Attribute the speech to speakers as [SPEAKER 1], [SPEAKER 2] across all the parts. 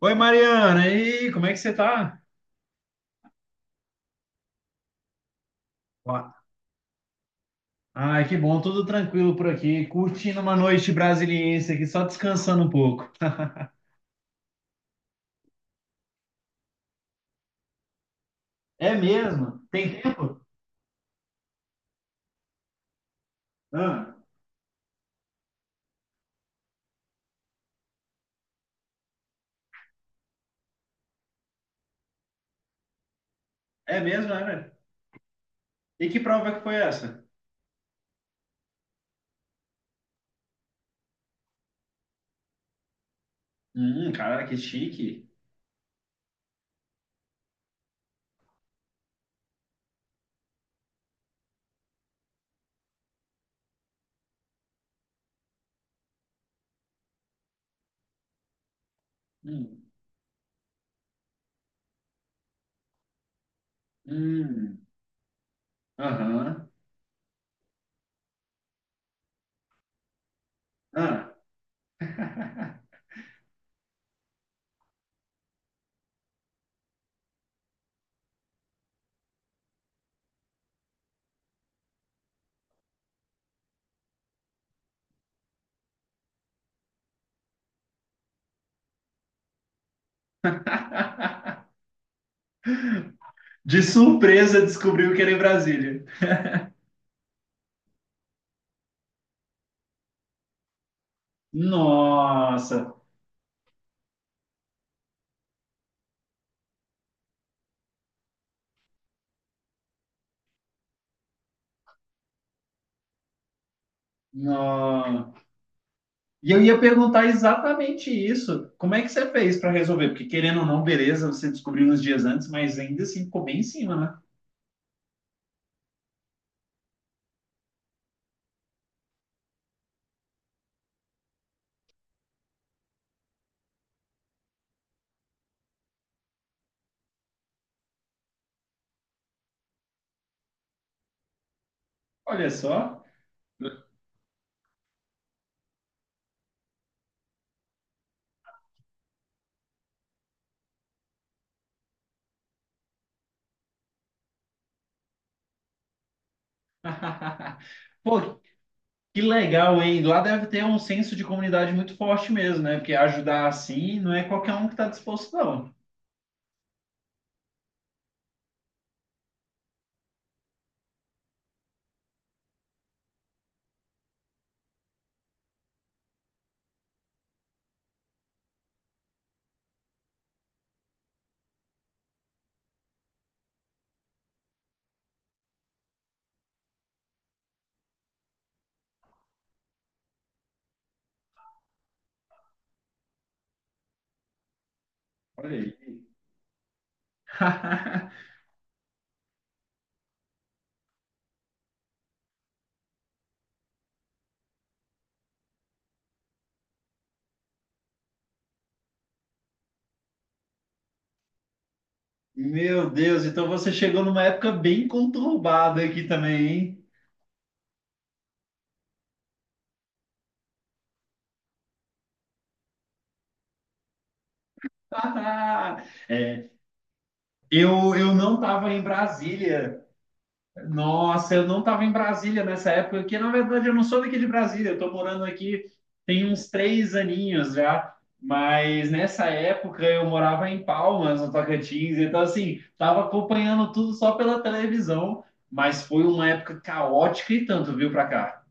[SPEAKER 1] Oi, Mariana, e aí, como é que você tá? Ó, ai, que bom, tudo tranquilo por aqui, curtindo uma noite brasiliense aqui, só descansando um pouco. É mesmo? Tem tempo? Ah, é mesmo, né, velho? E que prova que foi essa? Cara, que chique. Hum, hum, aham, ah. De surpresa descobriu que era em Brasília. Nossa, nossa. E eu ia perguntar exatamente isso. Como é que você fez para resolver? Porque querendo ou não, beleza, você descobriu uns dias antes, mas ainda assim ficou bem em cima, né? Olha só. Pô, que legal, hein? Lá deve ter um senso de comunidade muito forte mesmo, né? Porque ajudar assim não é qualquer um que está disposto, não. Olha aí. Meu Deus, então você chegou numa época bem conturbada aqui também, hein? É, eu não estava em Brasília. Nossa, eu não estava em Brasília nessa época, porque na verdade eu não sou daqui de Brasília, eu estou morando aqui tem uns 3 aninhos já, mas nessa época eu morava em Palmas, no Tocantins, então assim, estava acompanhando tudo só pela televisão, mas foi uma época caótica e tanto, viu, pra cá.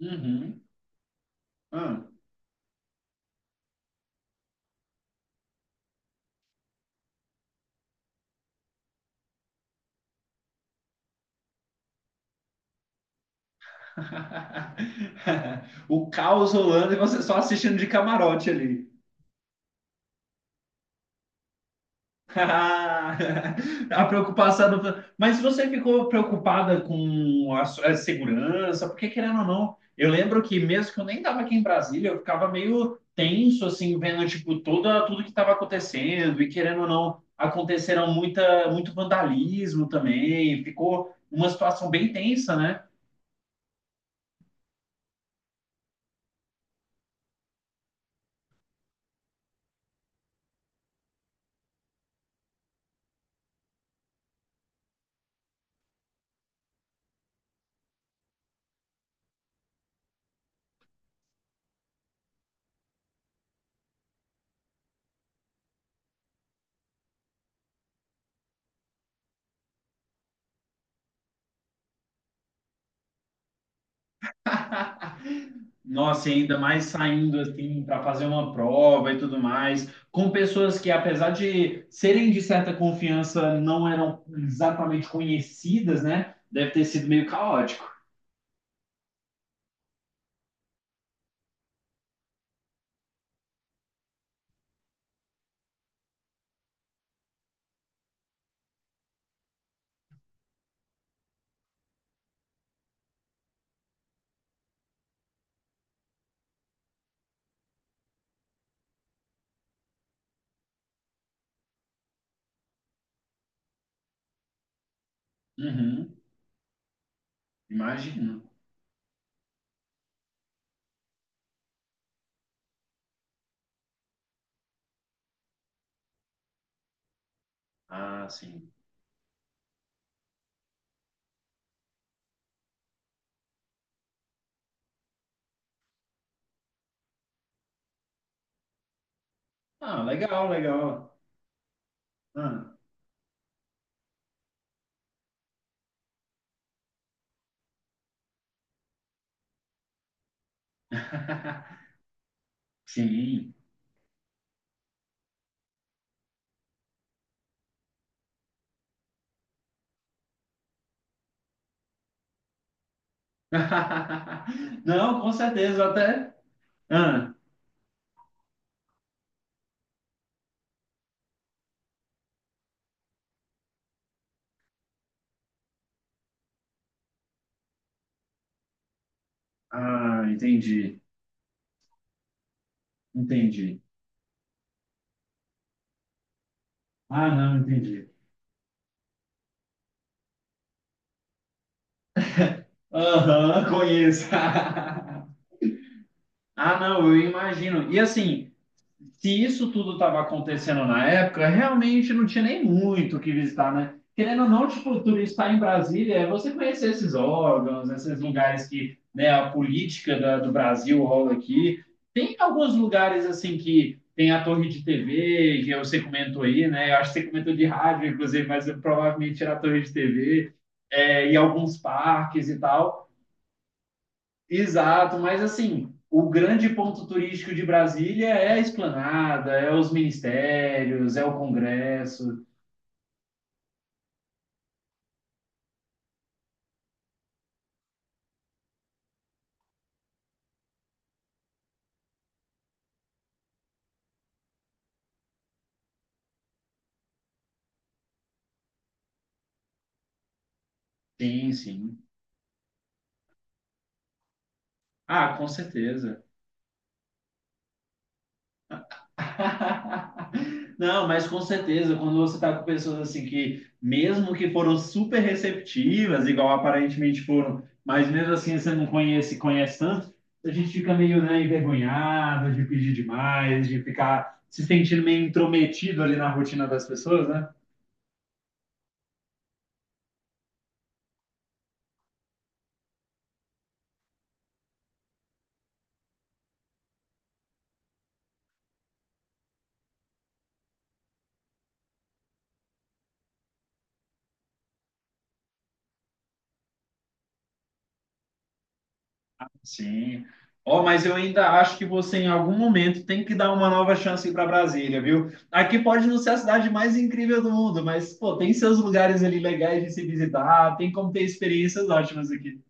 [SPEAKER 1] Uhum. Ah. O caos rolando e você só assistindo de camarote ali. A preocupação do... Mas você ficou preocupada com a segurança, porque querendo ou não, eu lembro que mesmo que eu nem estava aqui em Brasília, eu ficava meio tenso, assim, vendo, tipo, tudo que estava acontecendo, e querendo ou não, aconteceram muito vandalismo também, ficou uma situação bem tensa, né? Nossa, e ainda mais saindo assim para fazer uma prova e tudo mais, com pessoas que, apesar de serem de certa confiança, não eram exatamente conhecidas, né? Deve ter sido meio caótico. Uhum, imagino. Ah, sim. Ah, legal, legal. Ah, sim. Não, com certeza, até. Ah, ah, entendi, entendi. Ah, não, entendi. Aham, conheço. Ah, não, eu imagino. E assim, se isso tudo estava acontecendo na época, realmente não tinha nem muito o que visitar, né? Querendo ou não, tipo, turistar em Brasília é você conhecer esses órgãos, esses lugares que, né, a política do Brasil rola aqui. Tem alguns lugares, assim, que tem a torre de TV, que você comentou aí, né? Eu acho que você comentou de rádio, inclusive, mas eu provavelmente era a torre de TV, é, e alguns parques e tal. Exato, mas assim, o grande ponto turístico de Brasília é a Esplanada, é os ministérios, é o Congresso. Sim, sim. Ah, com certeza. Não, mas com certeza, quando você está com pessoas assim que, mesmo que foram super receptivas, igual aparentemente foram, mas mesmo assim você não conhece, conhece tanto, a gente fica meio, né, envergonhado de pedir demais, de ficar se sentindo meio intrometido ali na rotina das pessoas, né? Sim. Ó, mas eu ainda acho que você, em algum momento, tem que dar uma nova chance para Brasília, viu? Aqui pode não ser a cidade mais incrível do mundo, mas, pô, tem seus lugares ali legais de se visitar, tem como ter experiências ótimas aqui.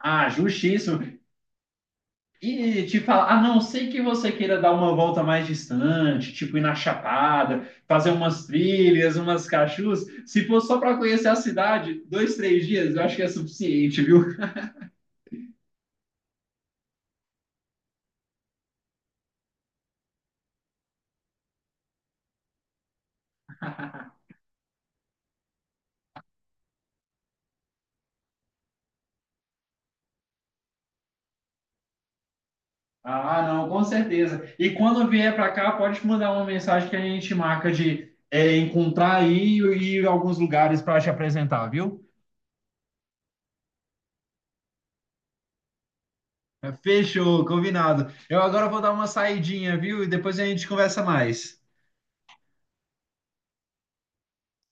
[SPEAKER 1] Ah, justíssimo. E te falar, a não ser que você queira dar uma volta mais distante, tipo ir na Chapada, fazer umas trilhas, umas cachus, se for só para conhecer a cidade, 2, 3 dias, eu acho que é suficiente, viu? Ah, não, com certeza. E quando vier para cá, pode mandar uma mensagem que a gente marca de é, encontrar aí e ir a alguns lugares para te apresentar, viu? É, fechou, combinado. Eu agora vou dar uma saidinha, viu? E depois a gente conversa mais.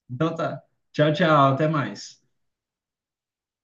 [SPEAKER 1] Então tá. Tchau, tchau, até mais.